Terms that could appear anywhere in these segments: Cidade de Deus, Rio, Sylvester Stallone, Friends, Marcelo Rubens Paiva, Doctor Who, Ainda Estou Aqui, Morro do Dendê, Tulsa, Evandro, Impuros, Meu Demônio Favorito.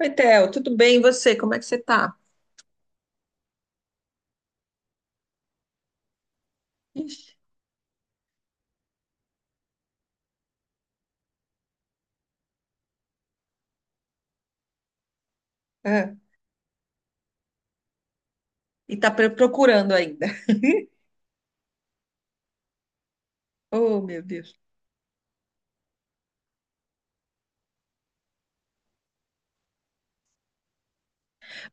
Oi, Theo, tudo bem? E você? Como é que você tá? Ixi, é. E tá procurando ainda. Oh, meu Deus.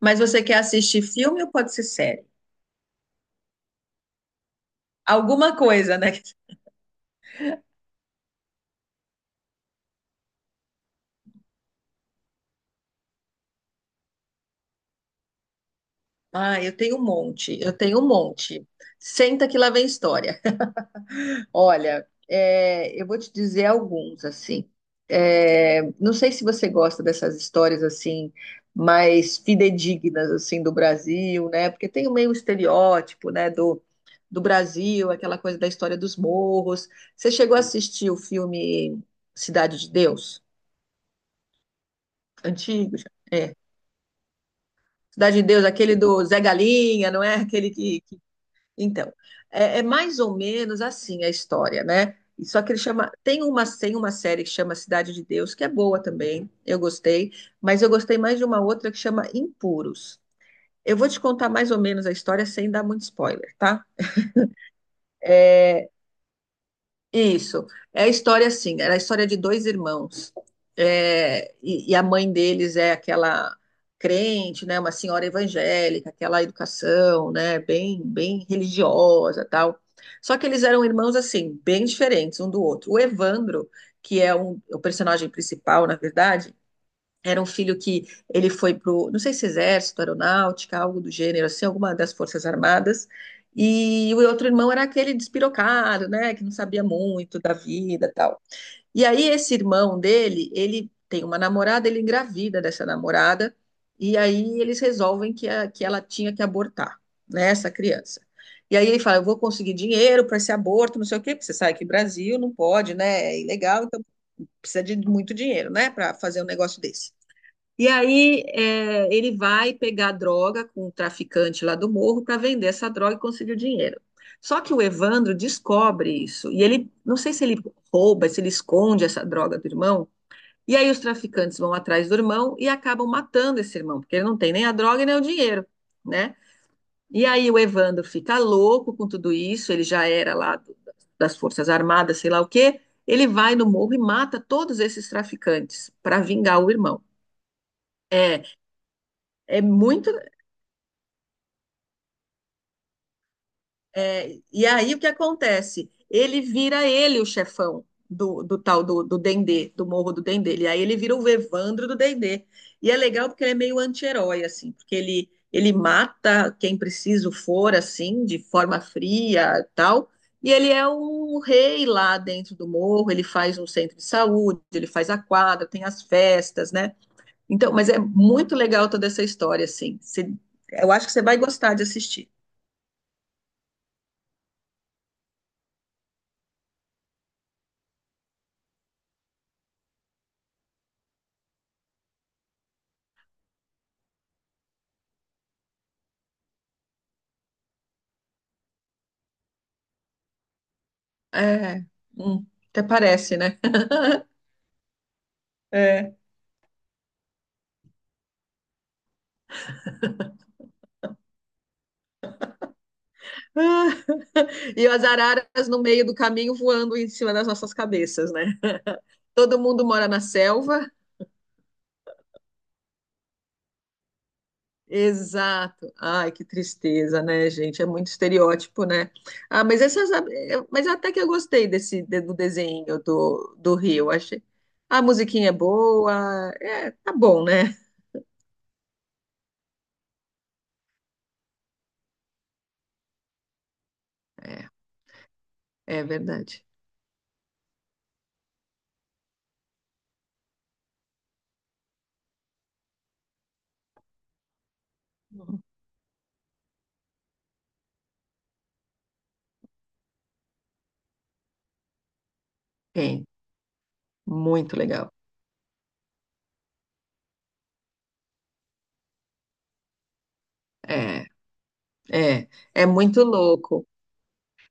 Mas você quer assistir filme ou pode ser série? Alguma coisa, né? Ah, eu tenho um monte, eu tenho um monte. Senta que lá vem história. Olha, eu vou te dizer alguns, assim. É, não sei se você gosta dessas histórias, assim, mais fidedignas, assim, do Brasil, né? Porque tem o meio um estereótipo, né, do Brasil, aquela coisa da história dos morros. Você chegou a assistir o filme Cidade de Deus? Antigo, já. É. Cidade de Deus, aquele do Zé Galinha, não é? Aquele que, então, é mais ou menos assim a história, né? E só que ele chama. Tem uma série que chama Cidade de Deus, que é boa também, eu gostei, mas eu gostei mais de uma outra que chama Impuros. Eu vou te contar mais ou menos a história sem dar muito spoiler, tá? É, isso. Era a história de dois irmãos. E a mãe deles é aquela crente, né, uma senhora evangélica, aquela educação, né, bem, bem religiosa, tal. Só que eles eram irmãos assim, bem diferentes um do outro. O Evandro, que é o personagem principal, na verdade, era um filho que ele foi pro, não sei se exército, aeronáutica, algo do gênero, assim, alguma das forças armadas. E o outro irmão era aquele despirocado, né, que não sabia muito da vida, tal. E aí esse irmão dele, ele tem uma namorada, ele engravida dessa namorada, e aí eles resolvem que, que ela tinha que abortar, né, essa criança. E aí ele fala, eu vou conseguir dinheiro para esse aborto, não sei o quê, porque você sabe que Brasil não pode, né, é ilegal, então precisa de muito dinheiro, né, para fazer um negócio desse. E aí ele vai pegar droga com o traficante lá do morro para vender essa droga e conseguir o dinheiro. Só que o Evandro descobre isso e ele, não sei se ele rouba, se ele esconde essa droga do irmão. E aí os traficantes vão atrás do irmão e acabam matando esse irmão, porque ele não tem nem a droga e nem o dinheiro, né? E aí o Evandro fica louco com tudo isso, ele já era lá das Forças Armadas, sei lá o quê. Ele vai no morro e mata todos esses traficantes para vingar o irmão. É, é muito É, e aí o que acontece? Ele vira ele o chefão do tal do Dendê, do Morro do Dendê. E aí ele vira o Evandro do Dendê. E é legal porque ele é meio anti-herói, assim, porque ele mata quem preciso for, assim, de forma fria tal. E ele é um rei lá dentro do morro, ele faz um centro de saúde, ele faz a quadra, tem as festas, né? Então, mas é muito legal toda essa história, assim. Eu acho que você vai gostar de assistir. É, hum, até parece, né? É. Ah, e as araras no meio do caminho voando em cima das nossas cabeças, né? Todo mundo mora na selva. Exato. Ai, que tristeza, né, gente? É muito estereótipo, né? Ah, mas até que eu gostei desse do desenho do Rio. Achei. A musiquinha é boa. É, tá bom, né? É verdade. Tem. Muito legal. É, é, é muito louco.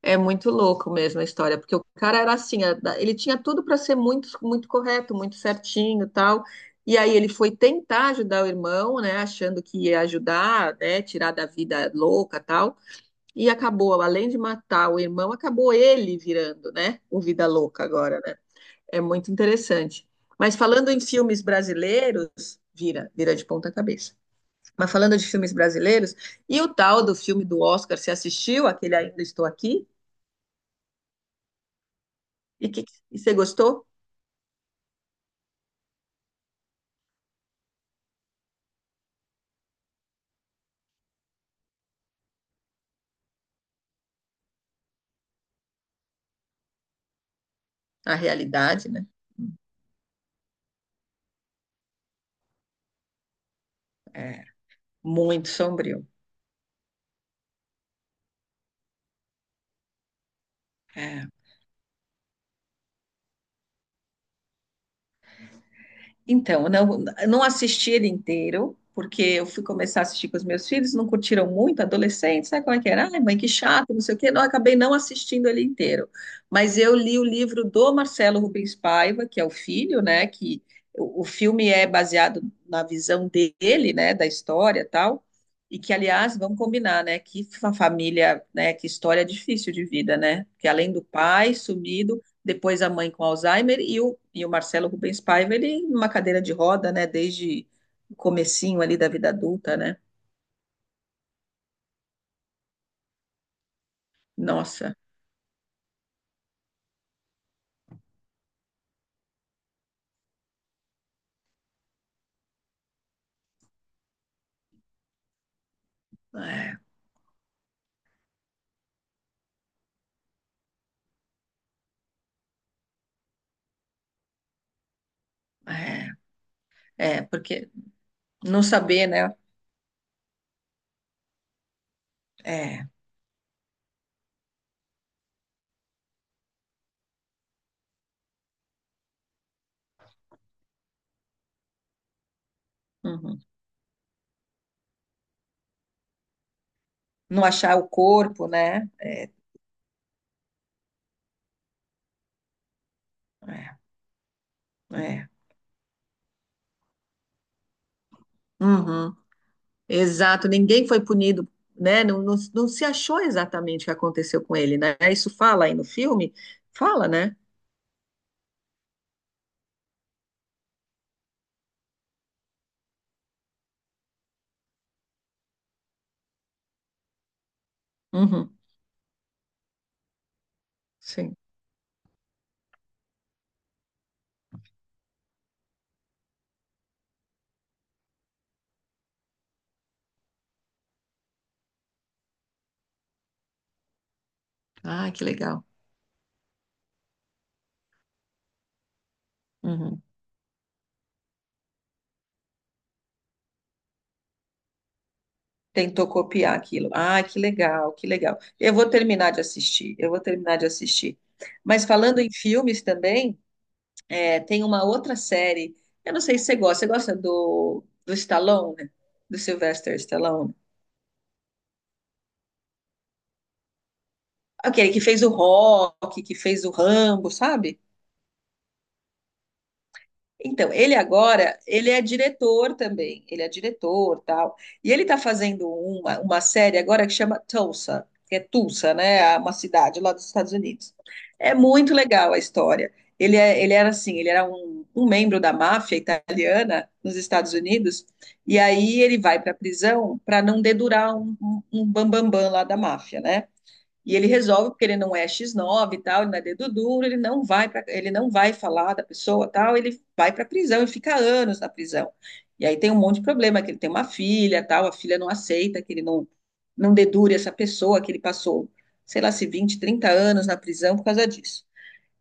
É muito louco mesmo a história, porque o cara era assim, ele tinha tudo para ser muito, muito correto, muito certinho, e tal. E aí ele foi tentar ajudar o irmão, né, achando que ia ajudar, né, tirar da vida louca, tal. E acabou, além de matar o irmão, acabou ele virando, né, o vida louca agora, né? É muito interessante. Mas falando em filmes brasileiros, vira, vira de ponta cabeça. Mas falando de filmes brasileiros, e o tal do filme do Oscar, você assistiu aquele Ainda Estou Aqui? E, que, e você gostou? A realidade, né? É, muito sombrio. É. Então, eu não assisti ele inteiro, porque eu fui começar a assistir com os meus filhos, não curtiram muito, adolescentes, sabe como é que era? Ai, mãe, que chato, não sei o quê. Não, eu acabei não assistindo ele inteiro. Mas eu li o livro do Marcelo Rubens Paiva, que é o filho, né? Que o filme é baseado na visão dele, né? Da história e tal. E que, aliás, vamos combinar, né? Que família, né? Que história difícil de vida, né? Porque além do pai sumido, depois a mãe com Alzheimer e o Marcelo Rubens Paiva, ele numa cadeira de roda, né, desde o comecinho ali da vida adulta, né? Nossa, é, é, porque não saber, né? É, uhum. Não achar o corpo, né? É, é, é. Uhum. Exato, ninguém foi punido, né? Não, não, não se achou exatamente o que aconteceu com ele, né? Isso fala aí no filme? Fala, né? Uhum. Sim. Ah, que legal. Uhum. Tentou copiar aquilo. Ah, que legal, que legal. Eu vou terminar de assistir, eu vou terminar de assistir. Mas falando em filmes também, tem uma outra série. Eu não sei se você gosta. Você gosta do Stallone? Do Sylvester Stallone? Aquele que fez o Rock, que fez o Rambo, sabe? Então, ele agora, ele é diretor também, ele é diretor, tal. E ele está fazendo uma série agora que chama Tulsa, que é Tulsa, né? É uma cidade lá dos Estados Unidos. É muito legal a história. Ele era assim, ele era um membro da máfia italiana nos Estados Unidos, e aí ele vai para a prisão para não dedurar um bambambam lá da máfia, né? E ele resolve, porque ele não é X9 e tal, ele não é dedo duro, ele não vai falar da pessoa tal, ele vai para a prisão e fica anos na prisão. E aí tem um monte de problema, que ele tem uma filha tal, a filha não aceita que ele não dedure essa pessoa, que ele passou, sei lá, se 20, 30 anos na prisão por causa disso.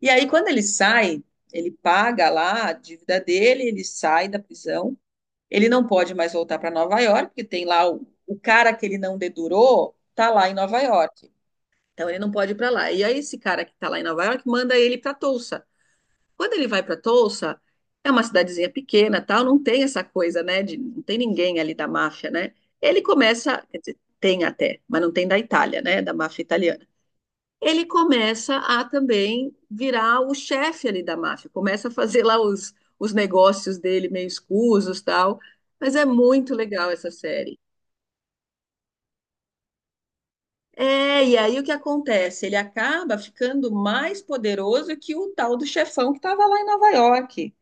E aí quando ele sai, ele paga lá a dívida dele, ele sai da prisão, ele não pode mais voltar para Nova York, porque tem lá o cara que ele não dedurou, tá lá em Nova York. Então ele não pode ir para lá. E aí esse cara que tá lá em Nova York manda ele para Tulsa. Quando ele vai para Tulsa, é uma cidadezinha pequena, tal, não tem essa coisa, né, de não tem ninguém ali da máfia, né? Ele começa, quer dizer, tem até, mas não tem da Itália, né, da máfia italiana. Ele começa a também virar o chefe ali da máfia, começa a fazer lá os negócios dele meio escusos, tal. Mas é muito legal essa série. É, e aí o que acontece? Ele acaba ficando mais poderoso que o tal do chefão que estava lá em Nova York.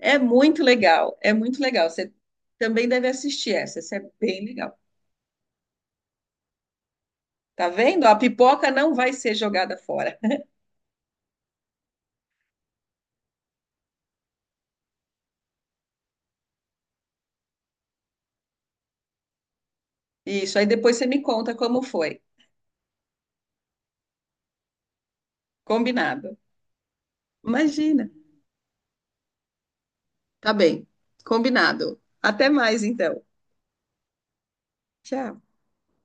É muito legal, é muito legal. Você também deve assistir essa, essa é bem legal. Tá vendo? A pipoca não vai ser jogada fora. Isso, aí depois você me conta como foi. Combinado. Imagina. Tá bem, combinado. Até mais então. Tchau.